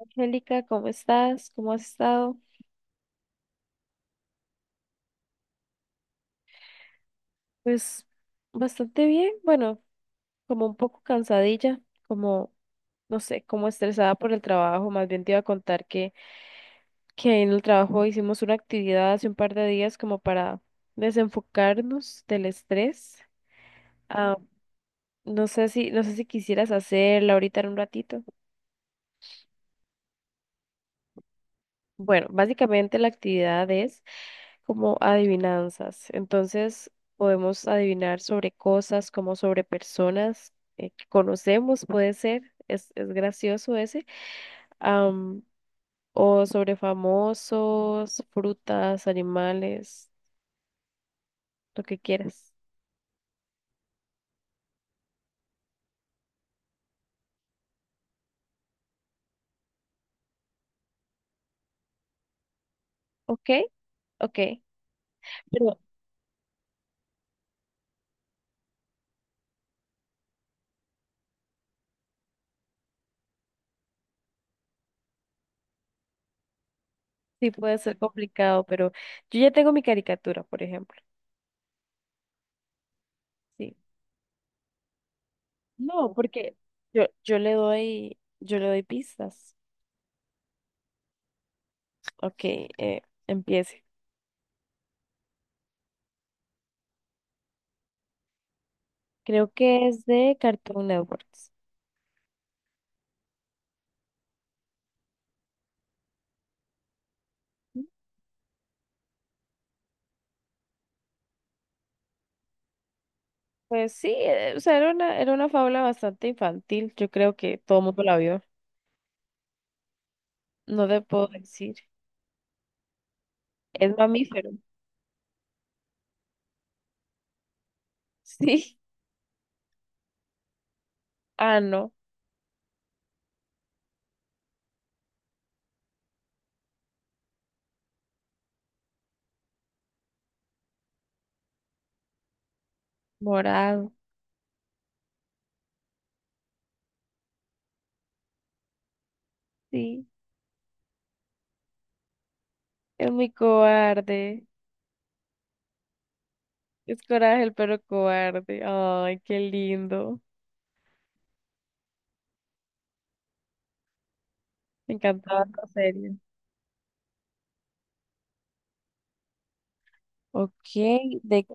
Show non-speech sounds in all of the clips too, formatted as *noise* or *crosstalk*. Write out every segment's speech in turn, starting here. Angélica, ¿cómo estás? ¿Cómo has estado? Pues bastante bien, bueno, como un poco cansadilla, como, no sé, como estresada por el trabajo. Más bien te iba a contar que en el trabajo hicimos una actividad hace un par de días como para desenfocarnos del estrés. Ah, no sé si quisieras hacerla ahorita en un ratito. Bueno, básicamente la actividad es como adivinanzas. Entonces, podemos adivinar sobre cosas como sobre personas que conocemos, puede ser, es gracioso ese, am, o sobre famosos, frutas, animales, lo que quieras. ¿Ok? Ok. Pero sí puede ser complicado, pero yo ya tengo mi caricatura, por ejemplo. Sí. No, porque yo le doy pistas. Ok, empiece. Creo que es de Cartoon Networks. Pues sí, o sea, era una fábula bastante infantil. Yo creo que todo el mundo la vio. No te puedo decir. Es mamífero. *laughs* Sí. Ah, no. Morado. Sí. Es muy cobarde. Es Coraje el perro cobarde. Ay, qué lindo. Me encantaba la serie. Ok, de, qué-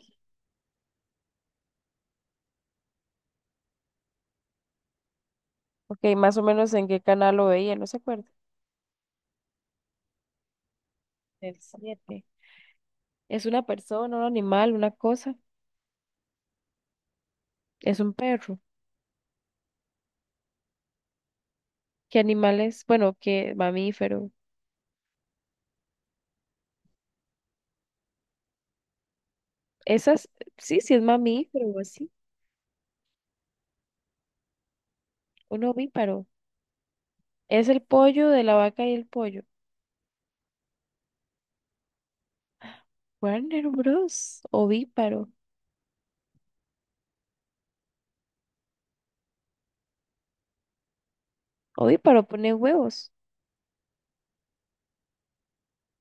Okay, más o menos en qué canal lo veía, no se acuerda. El 7. ¿Es una persona, un animal, una cosa? Es un perro. ¿Qué animales? Bueno, qué mamífero. Esas, sí, sí es mamífero o así. Un ovíparo. Es el pollo de la vaca y el pollo. Warner Bros. Ovíparo. Ovíparo pone huevos.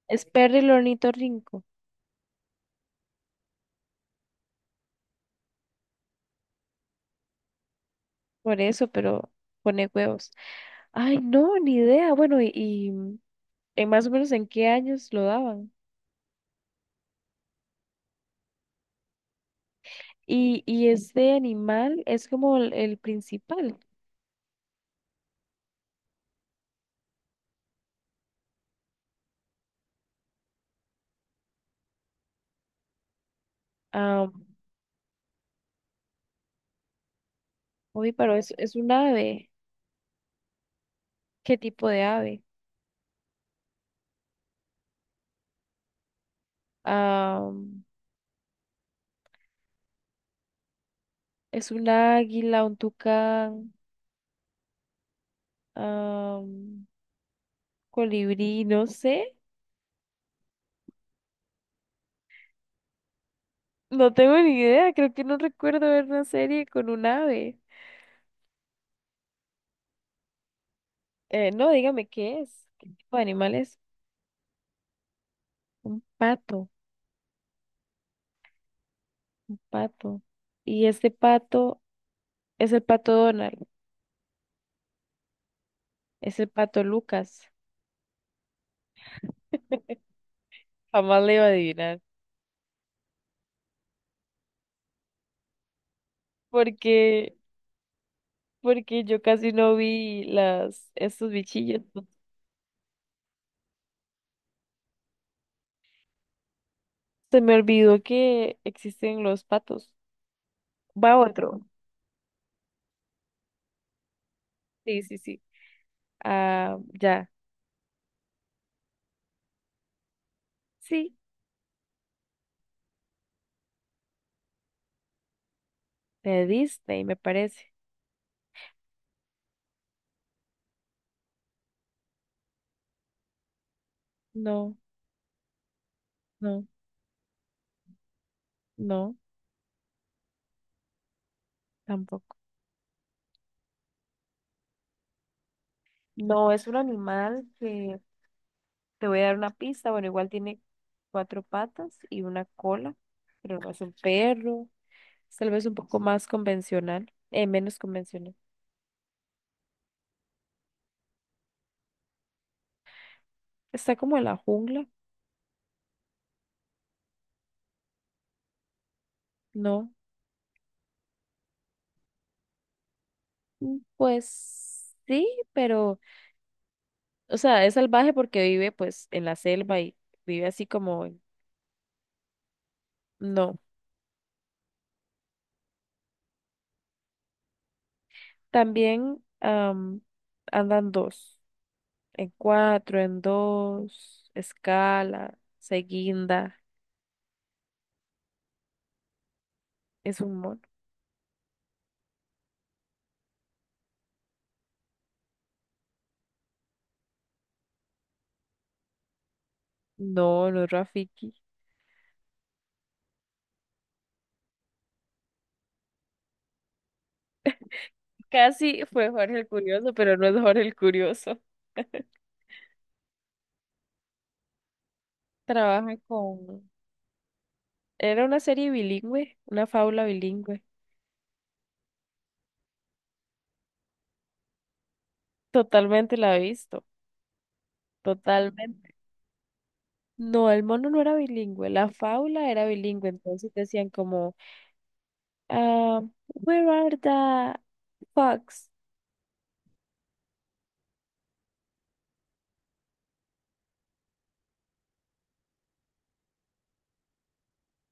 Es perro el ornitorrinco. Por eso, pero pone huevos. Ay, no, ni idea. Bueno, y en más o menos en qué años lo daban. Y este animal es como el principal. Ah, ovíparo, es un ave. ¿Qué tipo de ave? am, es un águila, un tucán, am, colibrí, no sé. No tengo ni idea, creo que no recuerdo ver una serie con un ave. No, dígame qué es, qué tipo de animal es. Un pato, un pato. Y este pato es el pato Donald, es el pato Lucas. Jamás le iba a adivinar, porque, porque yo casi no vi estos bichillos. Se me olvidó que existen los patos. Va otro. Sí, sí, sí. Ah, ya. Sí, de Disney, me parece. No, no, no, tampoco. No, es un animal que te voy a dar una pista. Bueno, igual tiene cuatro patas y una cola, pero no es un perro. Es tal vez un poco más convencional, menos convencional. Está como en la jungla, ¿no? Pues sí, pero, o sea, es salvaje porque vive pues en la selva y vive así como, no. También andan dos, en cuatro, en dos, escala, seguinda, es un mono. No, no es Rafiki. Casi fue Jorge el Curioso, pero no es Jorge el Curioso. *laughs* Trabaja con. Era una serie bilingüe, una fábula bilingüe. Totalmente la he visto, totalmente. No, el mono no era bilingüe, la fábula era bilingüe, entonces decían como, ah, where are the fox?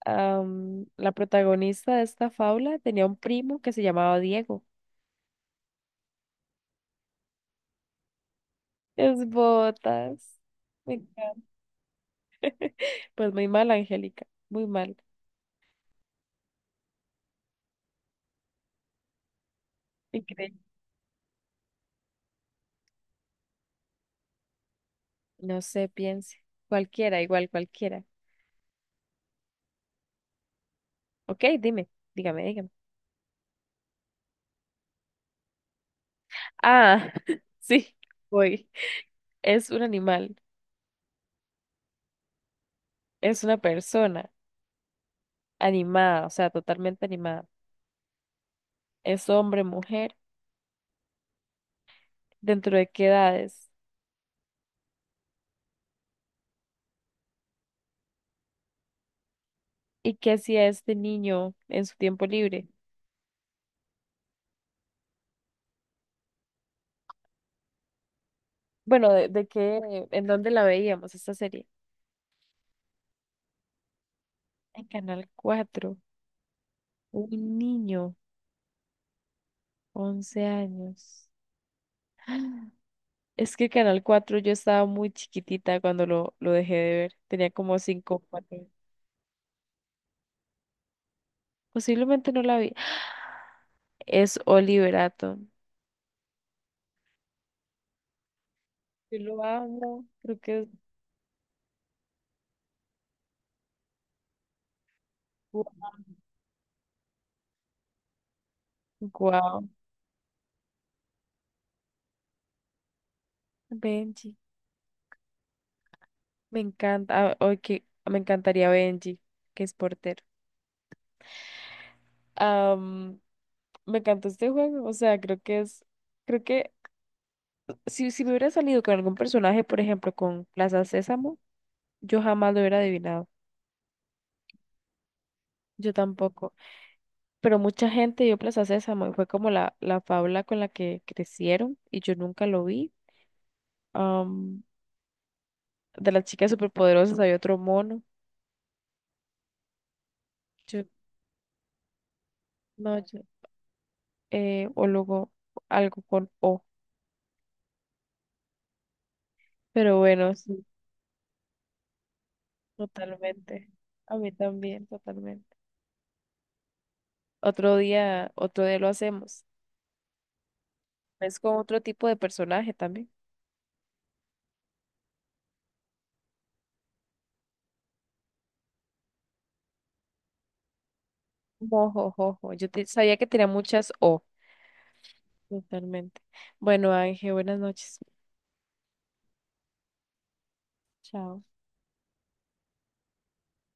La protagonista de esta fábula tenía un primo que se llamaba Diego. Es botas. Me encanta. *laughs* Pues muy mal, Angélica. Muy mal. Increíble. No sé, piense. Cualquiera, igual, cualquiera. Ok, dime, dígame, dígame. Ah, *laughs* sí, voy. Es un animal, es una persona animada, o sea, totalmente animada. Es hombre, mujer, ¿dentro de qué edades? ¿Y qué hacía este niño en su tiempo libre? Bueno, de qué, en dónde la veíamos esta serie? En Canal cuatro un niño, 11 años. *gasps* Es que Canal cuatro yo estaba muy chiquitita cuando lo dejé de ver, tenía como 5 o 4. Posiblemente no la vi. Es Oliver Atom. Yo lo amo, creo que es guau. Benji, me encanta, ok, me encantaría Benji, que es portero. Am, me encantó este juego, o sea, creo que si me hubiera salido con algún personaje, por ejemplo, con Plaza Sésamo, yo jamás lo hubiera adivinado. Yo tampoco. Pero mucha gente vio Plaza Sésamo y fue como la fábula con la que crecieron y yo nunca lo vi. Am, de las chicas superpoderosas había otro mono. Yo, no, yo, o luego algo con O. Pero bueno, sí, totalmente. A mí también, totalmente. Otro día lo hacemos. Es con otro tipo de personaje también. Mojojojo. Sabía que tenía muchas O. Totalmente. Bueno, Ángel, buenas noches. Chao.